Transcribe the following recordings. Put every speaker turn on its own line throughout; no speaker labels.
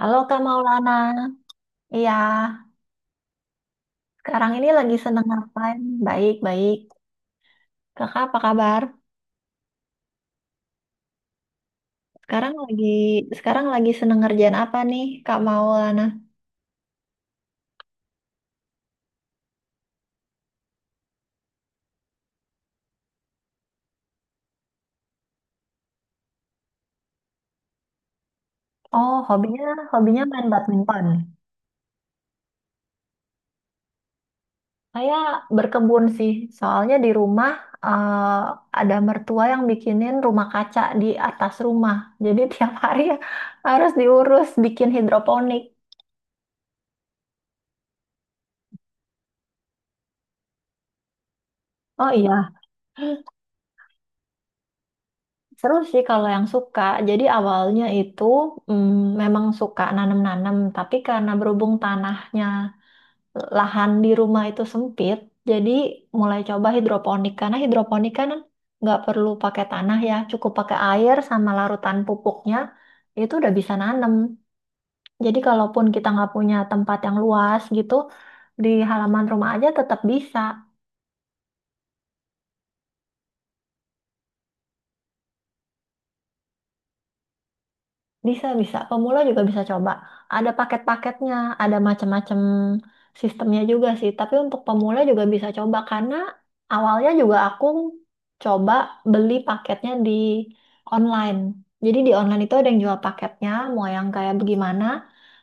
Halo Kak Maulana, iya sekarang ini lagi seneng ngapain? Baik, baik. Kakak apa kabar? Sekarang lagi sekarang lagi seneng ngerjain apa nih Kak Maulana? Oh, hobinya hobinya main badminton. Saya berkebun sih, soalnya di rumah ada mertua yang bikinin rumah kaca di atas rumah. Jadi tiap hari harus diurus bikin hidroponik. Oh iya. Seru sih kalau yang suka. Jadi awalnya itu memang suka nanam-nanam, tapi karena berhubung tanahnya, lahan di rumah itu sempit, jadi mulai coba hidroponik. Karena hidroponik kan nggak perlu pakai tanah ya, cukup pakai air sama larutan pupuknya, itu udah bisa nanam. Jadi kalaupun kita nggak punya tempat yang luas gitu, di halaman rumah aja tetap bisa. Bisa, bisa. Pemula juga bisa coba. Ada paket-paketnya, ada macam-macam sistemnya juga sih. Tapi untuk pemula juga bisa coba karena awalnya juga aku coba beli paketnya di online. Jadi di online itu ada yang jual paketnya, mau yang kayak bagaimana.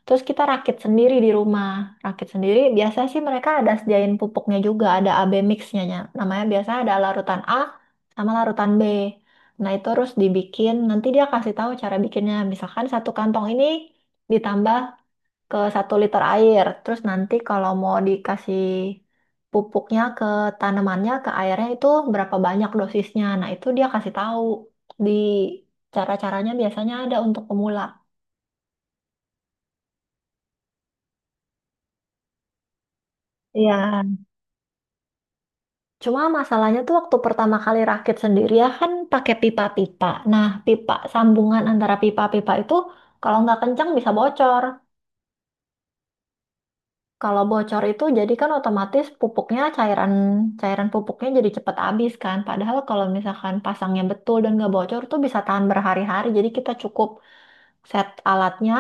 Terus kita rakit sendiri di rumah. Rakit sendiri, biasanya sih mereka ada sediain pupuknya juga, ada AB mixnya. Namanya biasanya ada larutan A sama larutan B. Nah, itu harus dibikin. Nanti dia kasih tahu cara bikinnya. Misalkan satu kantong ini ditambah ke satu liter air. Terus nanti kalau mau dikasih pupuknya ke tanamannya, ke airnya itu berapa banyak dosisnya. Nah, itu dia kasih tahu di cara-caranya biasanya ada untuk pemula. Iya. Cuma masalahnya tuh waktu pertama kali rakit sendiri ya kan pakai pipa-pipa. Nah, pipa sambungan antara pipa-pipa itu kalau nggak kencang bisa bocor. Kalau bocor itu jadi kan otomatis pupuknya cairan cairan pupuknya jadi cepat habis kan. Padahal kalau misalkan pasangnya betul dan nggak bocor tuh bisa tahan berhari-hari. Jadi kita cukup set alatnya,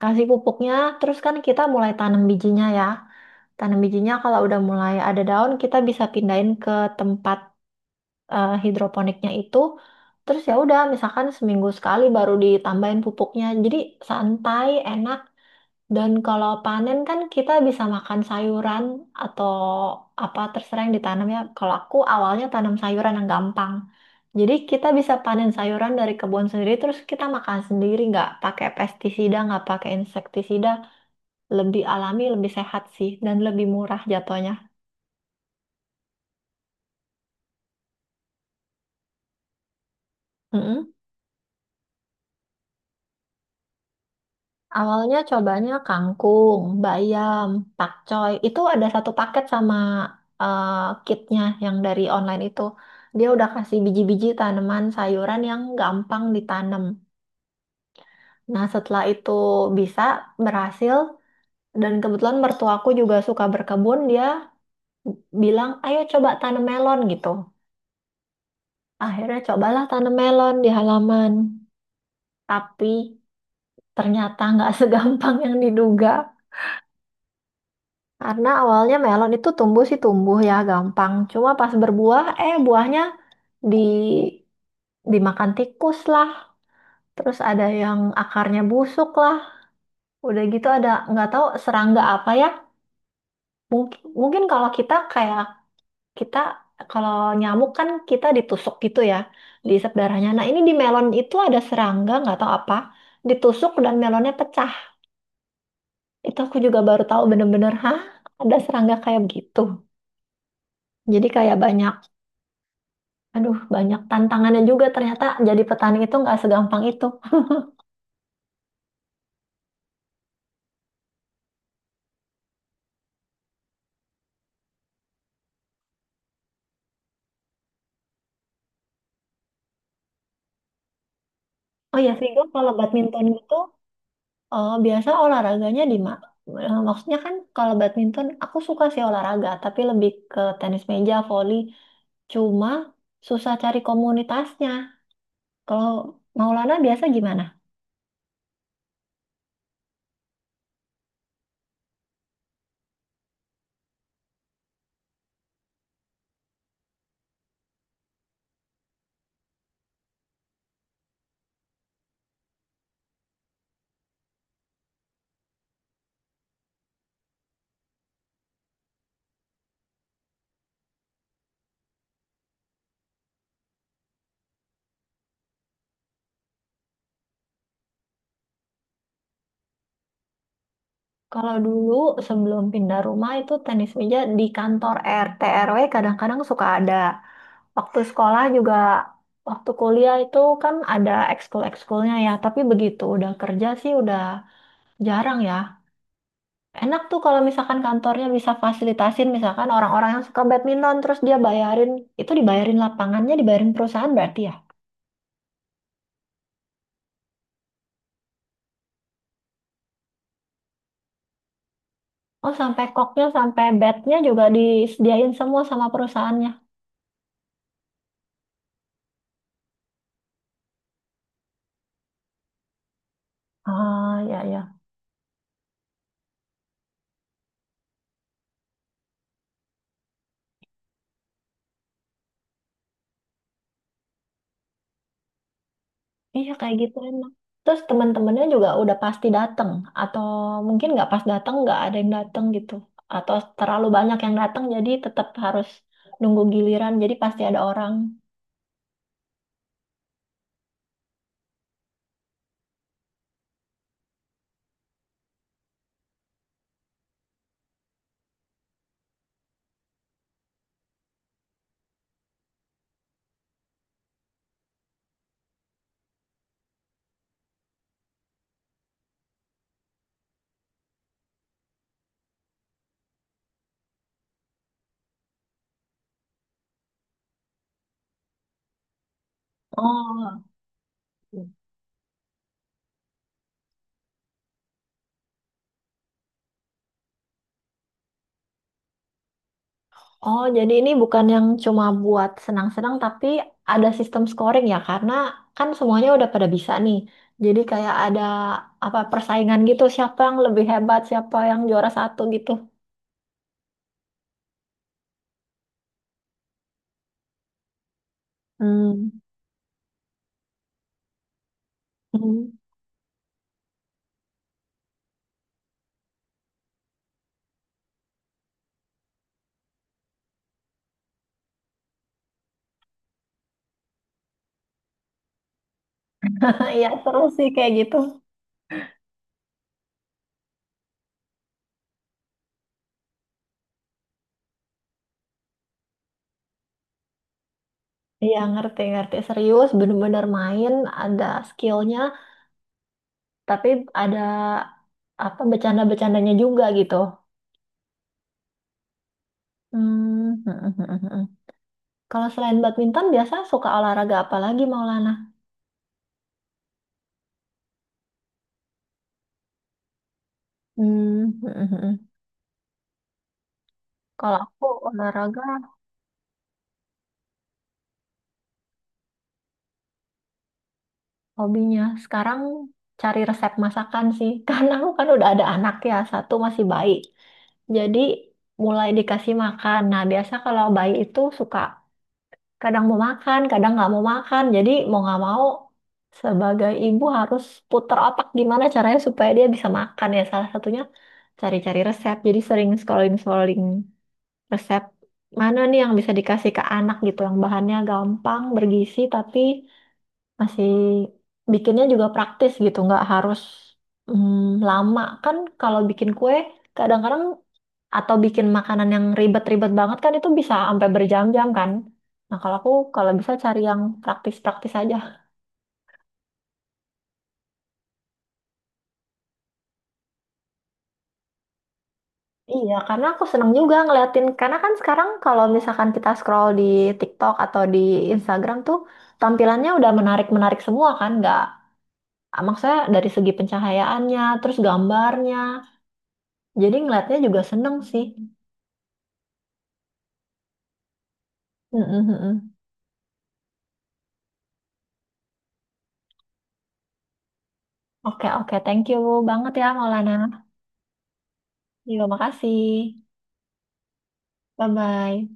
kasih pupuknya, terus kan kita mulai tanam bijinya ya. Tanam bijinya kalau udah mulai ada daun kita bisa pindahin ke tempat hidroponiknya itu. Terus ya udah misalkan seminggu sekali baru ditambahin pupuknya. Jadi santai, enak dan kalau panen kan kita bisa makan sayuran atau apa terserah yang ditanam ya. Kalau aku awalnya tanam sayuran yang gampang. Jadi kita bisa panen sayuran dari kebun sendiri terus kita makan sendiri nggak pakai pestisida, nggak pakai insektisida. Lebih alami, lebih sehat sih dan lebih murah jatuhnya. Awalnya cobanya kangkung, bayam, pakcoy. Itu ada satu paket sama eh, kitnya yang dari online itu. Dia udah kasih biji-biji tanaman sayuran yang gampang ditanam. Nah, setelah itu bisa berhasil dan kebetulan mertuaku juga suka berkebun, dia bilang, "Ayo coba tanam melon" gitu. Akhirnya cobalah tanam melon di halaman. Tapi ternyata nggak segampang yang diduga. Karena awalnya melon itu tumbuh sih tumbuh ya gampang. Cuma pas berbuah, buahnya di dimakan tikus lah. Terus ada yang akarnya busuk lah. Udah gitu ada nggak tahu serangga apa ya. Mungkin mungkin kalau kita kayak kita kalau nyamuk kan kita ditusuk gitu ya, diisap darahnya. Nah ini di melon itu ada serangga nggak tahu apa, ditusuk dan melonnya pecah. Itu aku juga baru tahu bener-bener, hah? Ada serangga kayak begitu. Jadi kayak banyak Aduh, banyak tantangannya juga ternyata jadi petani itu nggak segampang itu. Oh ya, Vigo, kalau badminton itu biasa olahraganya maksudnya kan kalau badminton, aku suka sih olahraga, tapi lebih ke tenis meja, voli. Cuma susah cari komunitasnya. Kalau Maulana biasa gimana? Kalau dulu sebelum pindah rumah itu tenis meja di kantor RT RW kadang-kadang suka ada. Waktu sekolah juga, waktu kuliah itu kan ada ekskul-ekskulnya ya, tapi begitu udah kerja sih udah jarang ya. Enak tuh kalau misalkan kantornya bisa fasilitasin misalkan orang-orang yang suka badminton terus dia bayarin, itu dibayarin lapangannya, dibayarin perusahaan berarti ya. Oh, sampai koknya, sampai batnya juga disediain semua sama perusahaannya. Ah, ya ya. Iya kayak gitu enak. Terus teman-temannya juga udah pasti datang atau mungkin nggak pas datang nggak ada yang datang gitu atau terlalu banyak yang datang jadi tetap harus nunggu giliran jadi pasti ada orang. Oh. Oh, jadi ini bukan yang cuma buat senang-senang tapi ada sistem scoring ya karena kan semuanya udah pada bisa nih. Jadi kayak ada apa persaingan gitu siapa yang lebih hebat, siapa yang juara satu gitu. Hmm. Hmm. Iya, seru sih kayak gitu. Iya ngerti ngerti serius bener-bener main ada skillnya tapi ada apa bercanda-bercandanya juga gitu. Hmm. Hmm, hmm, hmm, hmm. Kalau selain badminton biasa suka olahraga apa lagi Maulana? Hmm. Hmm, hmm, hmm. Kalau aku olahraga hobinya sekarang cari resep masakan sih karena aku kan udah ada anak ya satu masih bayi. Jadi mulai dikasih makan. Nah, biasa kalau bayi itu suka kadang mau makan, kadang nggak mau makan. Jadi mau nggak mau sebagai ibu harus putar otak gimana caranya supaya dia bisa makan ya. Salah satunya cari-cari resep. Jadi sering scrolling-scrolling resep mana nih yang bisa dikasih ke anak gitu, yang bahannya gampang, bergizi tapi masih bikinnya juga praktis gitu, nggak harus lama kan kalau bikin kue kadang-kadang atau bikin makanan yang ribet-ribet banget kan itu bisa sampai berjam-jam kan. Nah, kalau aku kalau bisa cari yang praktis-praktis aja. Iya, karena aku seneng juga ngeliatin. Karena kan sekarang kalau misalkan kita scroll di TikTok atau di Instagram tuh tampilannya udah menarik-menarik semua kan, nggak maksudnya dari segi pencahayaannya, terus gambarnya. Jadi ngeliatnya juga seneng sih. Mm-mm, mm-mm. Oke, oke, thank you banget ya Maulana. Terima makasih. Bye-bye.